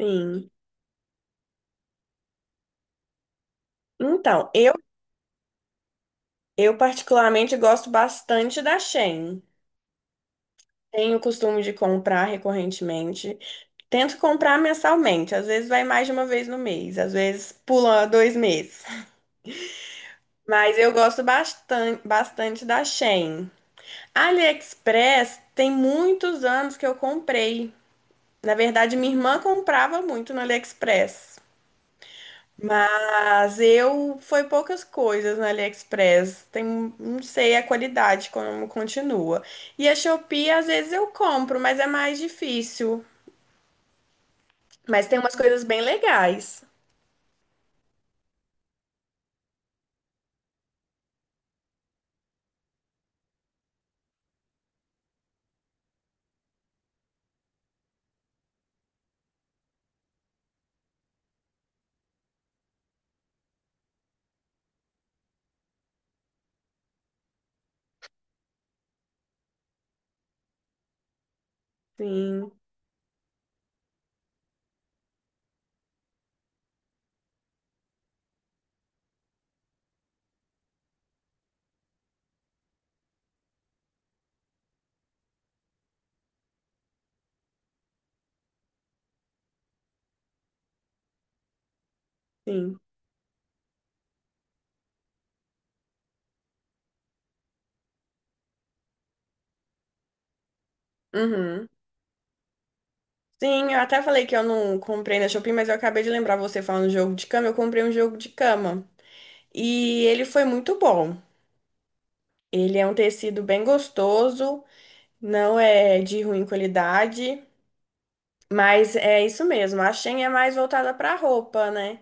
Sim. Então, eu particularmente gosto bastante da Shein. Tenho o costume de comprar recorrentemente. Tento comprar mensalmente, às vezes vai mais de uma vez no mês, às vezes pula dois meses. Mas eu gosto bastante, bastante da Shein. AliExpress tem muitos anos que eu comprei. Na verdade, minha irmã comprava muito no AliExpress. Mas eu foi poucas coisas no AliExpress. Tem, não sei a qualidade como continua. E a Shopee às vezes eu compro, mas é mais difícil. Mas tem umas coisas bem legais. Sim, sim. Uhum. Sim, eu até falei que eu não comprei na Shopee, mas eu acabei de lembrar você falando jogo de cama. Eu comprei um jogo de cama e ele foi muito bom. Ele é um tecido bem gostoso, não é de ruim qualidade. Mas é isso mesmo, a Shein é mais voltada para roupa, né?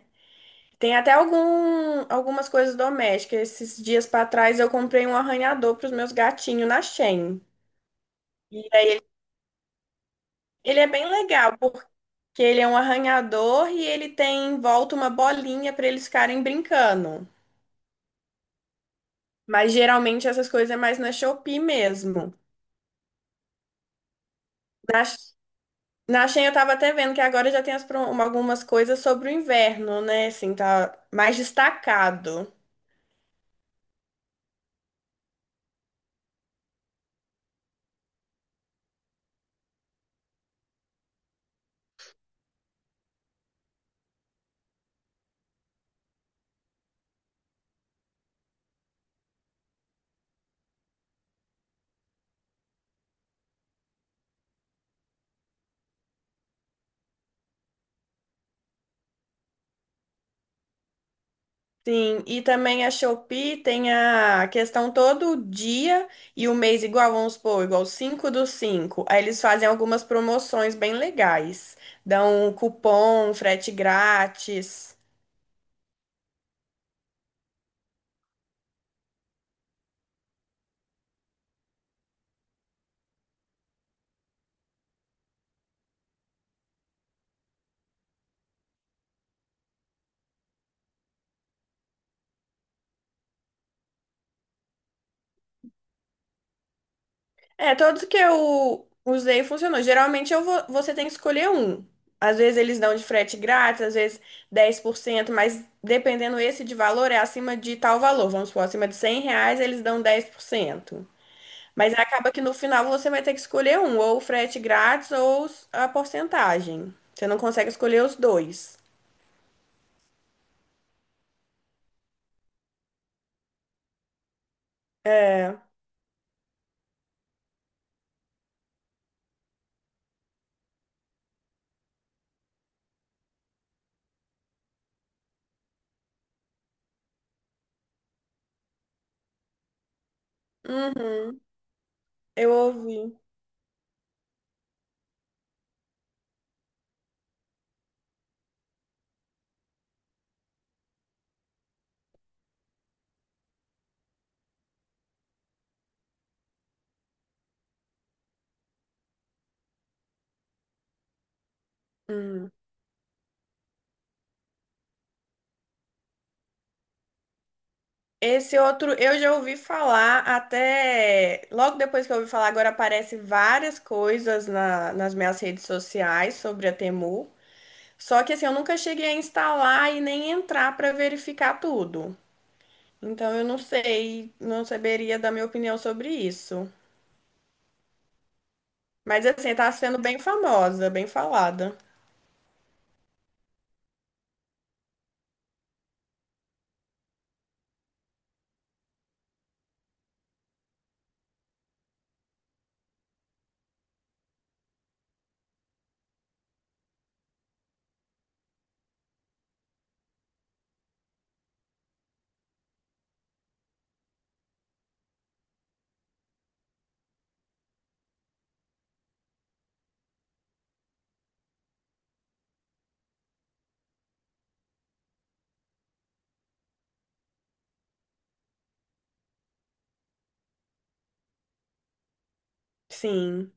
Tem até algumas coisas domésticas. Esses dias para trás eu comprei um arranhador para os meus gatinhos na Shein. E ele é bem legal, porque ele é um arranhador e ele tem em volta uma bolinha para eles ficarem brincando. Mas geralmente essas coisas é mais na Shopee mesmo. Na, na Shein eu tava até vendo que agora já tem as algumas coisas sobre o inverno, né? Assim, tá mais destacado. Sim, e também a Shopee tem a questão todo dia e o mês igual, vamos supor, igual 5 do cinco. Aí eles fazem algumas promoções bem legais. Dão um cupom, frete grátis. É, todos que eu usei funcionou. Geralmente você tem que escolher um. Às vezes eles dão de frete grátis, às vezes 10%. Mas dependendo esse de valor, é acima de tal valor. Vamos supor, acima de R$ 100 eles dão 10%. Mas acaba que no final você vai ter que escolher um, ou o frete grátis ou a porcentagem. Você não consegue escolher os dois. É. Uhum. Eu ouvi. Hum. Esse outro eu já ouvi falar até. Logo depois que eu ouvi falar, agora aparece várias coisas nas minhas redes sociais sobre a Temu. Só que assim, eu nunca cheguei a instalar e nem entrar para verificar tudo. Então eu não sei, não saberia dar minha opinião sobre isso. Mas assim, tá sendo bem famosa, bem falada. Sim.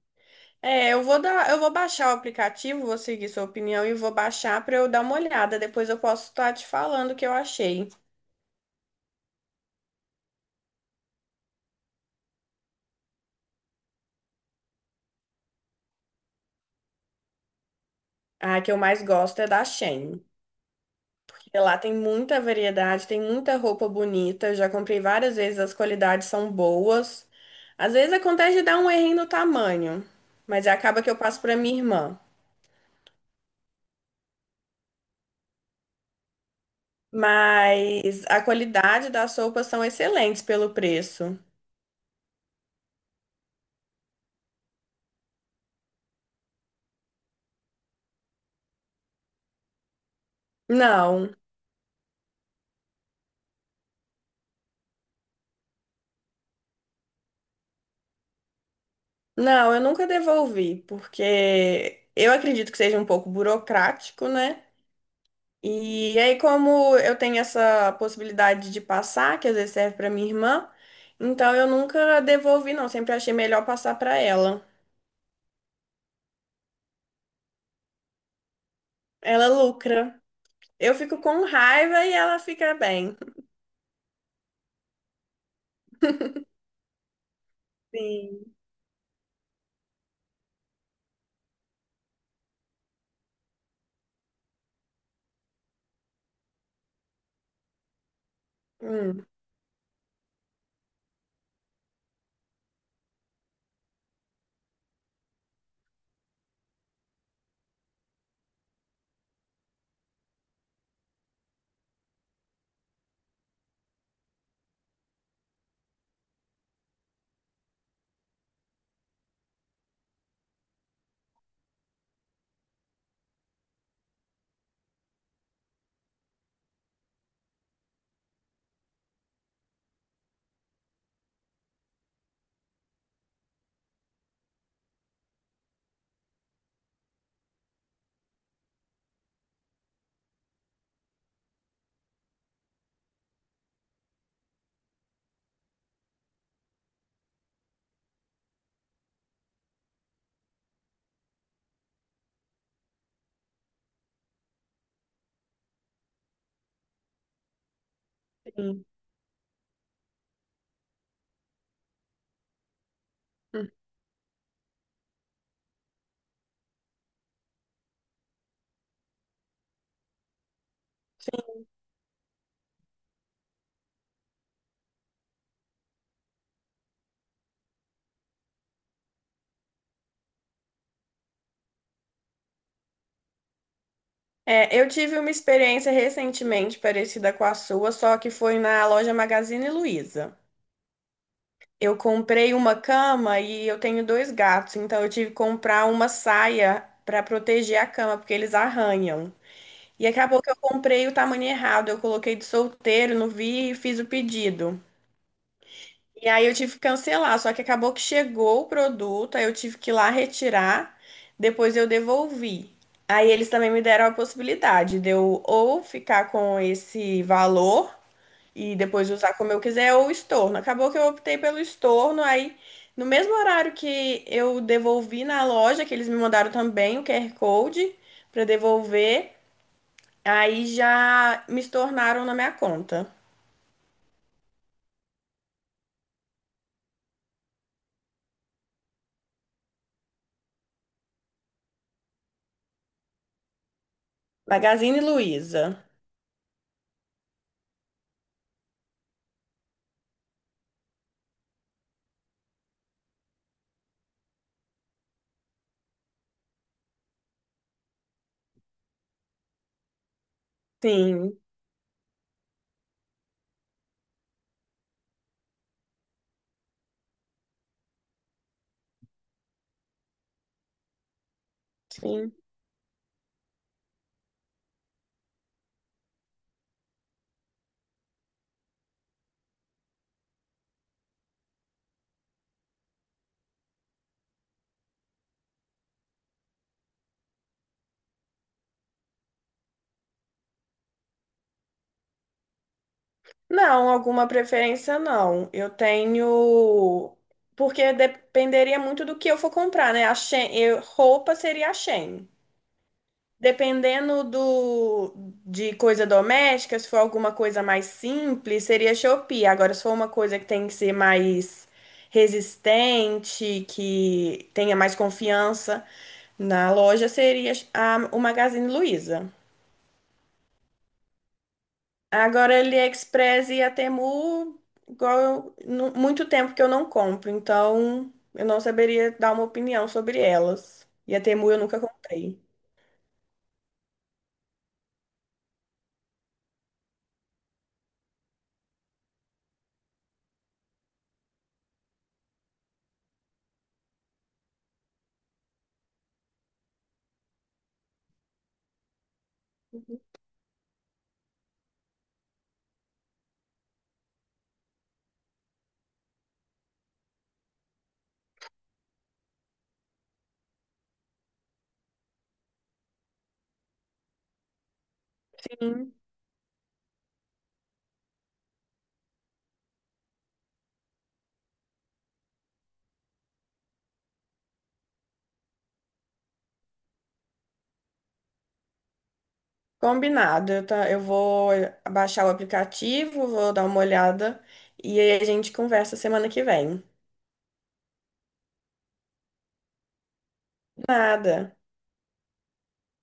É, eu vou baixar o aplicativo, vou seguir sua opinião e vou baixar pra eu dar uma olhada. Depois eu posso estar te falando o que eu achei. A que eu mais gosto é da Shein. E lá tem muita variedade, tem muita roupa bonita. Eu já comprei várias vezes, as qualidades são boas. Às vezes acontece de dar um errinho no tamanho, mas é, acaba que eu passo pra minha irmã. Mas a qualidade das roupas são excelentes pelo preço. Não. Não, eu nunca devolvi, porque eu acredito que seja um pouco burocrático, né? E aí, como eu tenho essa possibilidade de passar, que às vezes serve para minha irmã, então eu nunca devolvi, não. Sempre achei melhor passar para ela. Ela lucra. Eu fico com raiva e ela fica bem. Sim. Hum, sim. Hum. É, eu tive uma experiência recentemente parecida com a sua, só que foi na loja Magazine Luiza. Eu comprei uma cama e eu tenho dois gatos, então eu tive que comprar uma saia para proteger a cama, porque eles arranham. E acabou que eu comprei o tamanho errado, eu coloquei de solteiro, não vi e fiz o pedido. E aí eu tive que cancelar, só que acabou que chegou o produto, aí eu tive que ir lá retirar, depois eu devolvi. Aí eles também me deram a possibilidade de eu ou ficar com esse valor e depois usar como eu quiser, ou estorno. Acabou que eu optei pelo estorno, aí no mesmo horário que eu devolvi na loja, que eles me mandaram também o QR Code para devolver, aí já me estornaram na minha conta. Magazine Luiza. Sim, sim. Não, alguma preferência não. Eu tenho. Porque dependeria muito do que eu for comprar, né? Roupa seria a Shein. Dependendo de coisa doméstica, se for alguma coisa mais simples, seria Shopee. Agora, se for uma coisa que tem que ser mais resistente, que tenha mais confiança na loja, seria o Magazine Luiza. Agora, AliExpress e a Temu, igual eu, muito tempo que eu não compro, então eu não saberia dar uma opinião sobre elas. E a Temu eu nunca comprei. Combinado, eu vou baixar o aplicativo, vou dar uma olhada e aí a gente conversa semana que vem. Nada.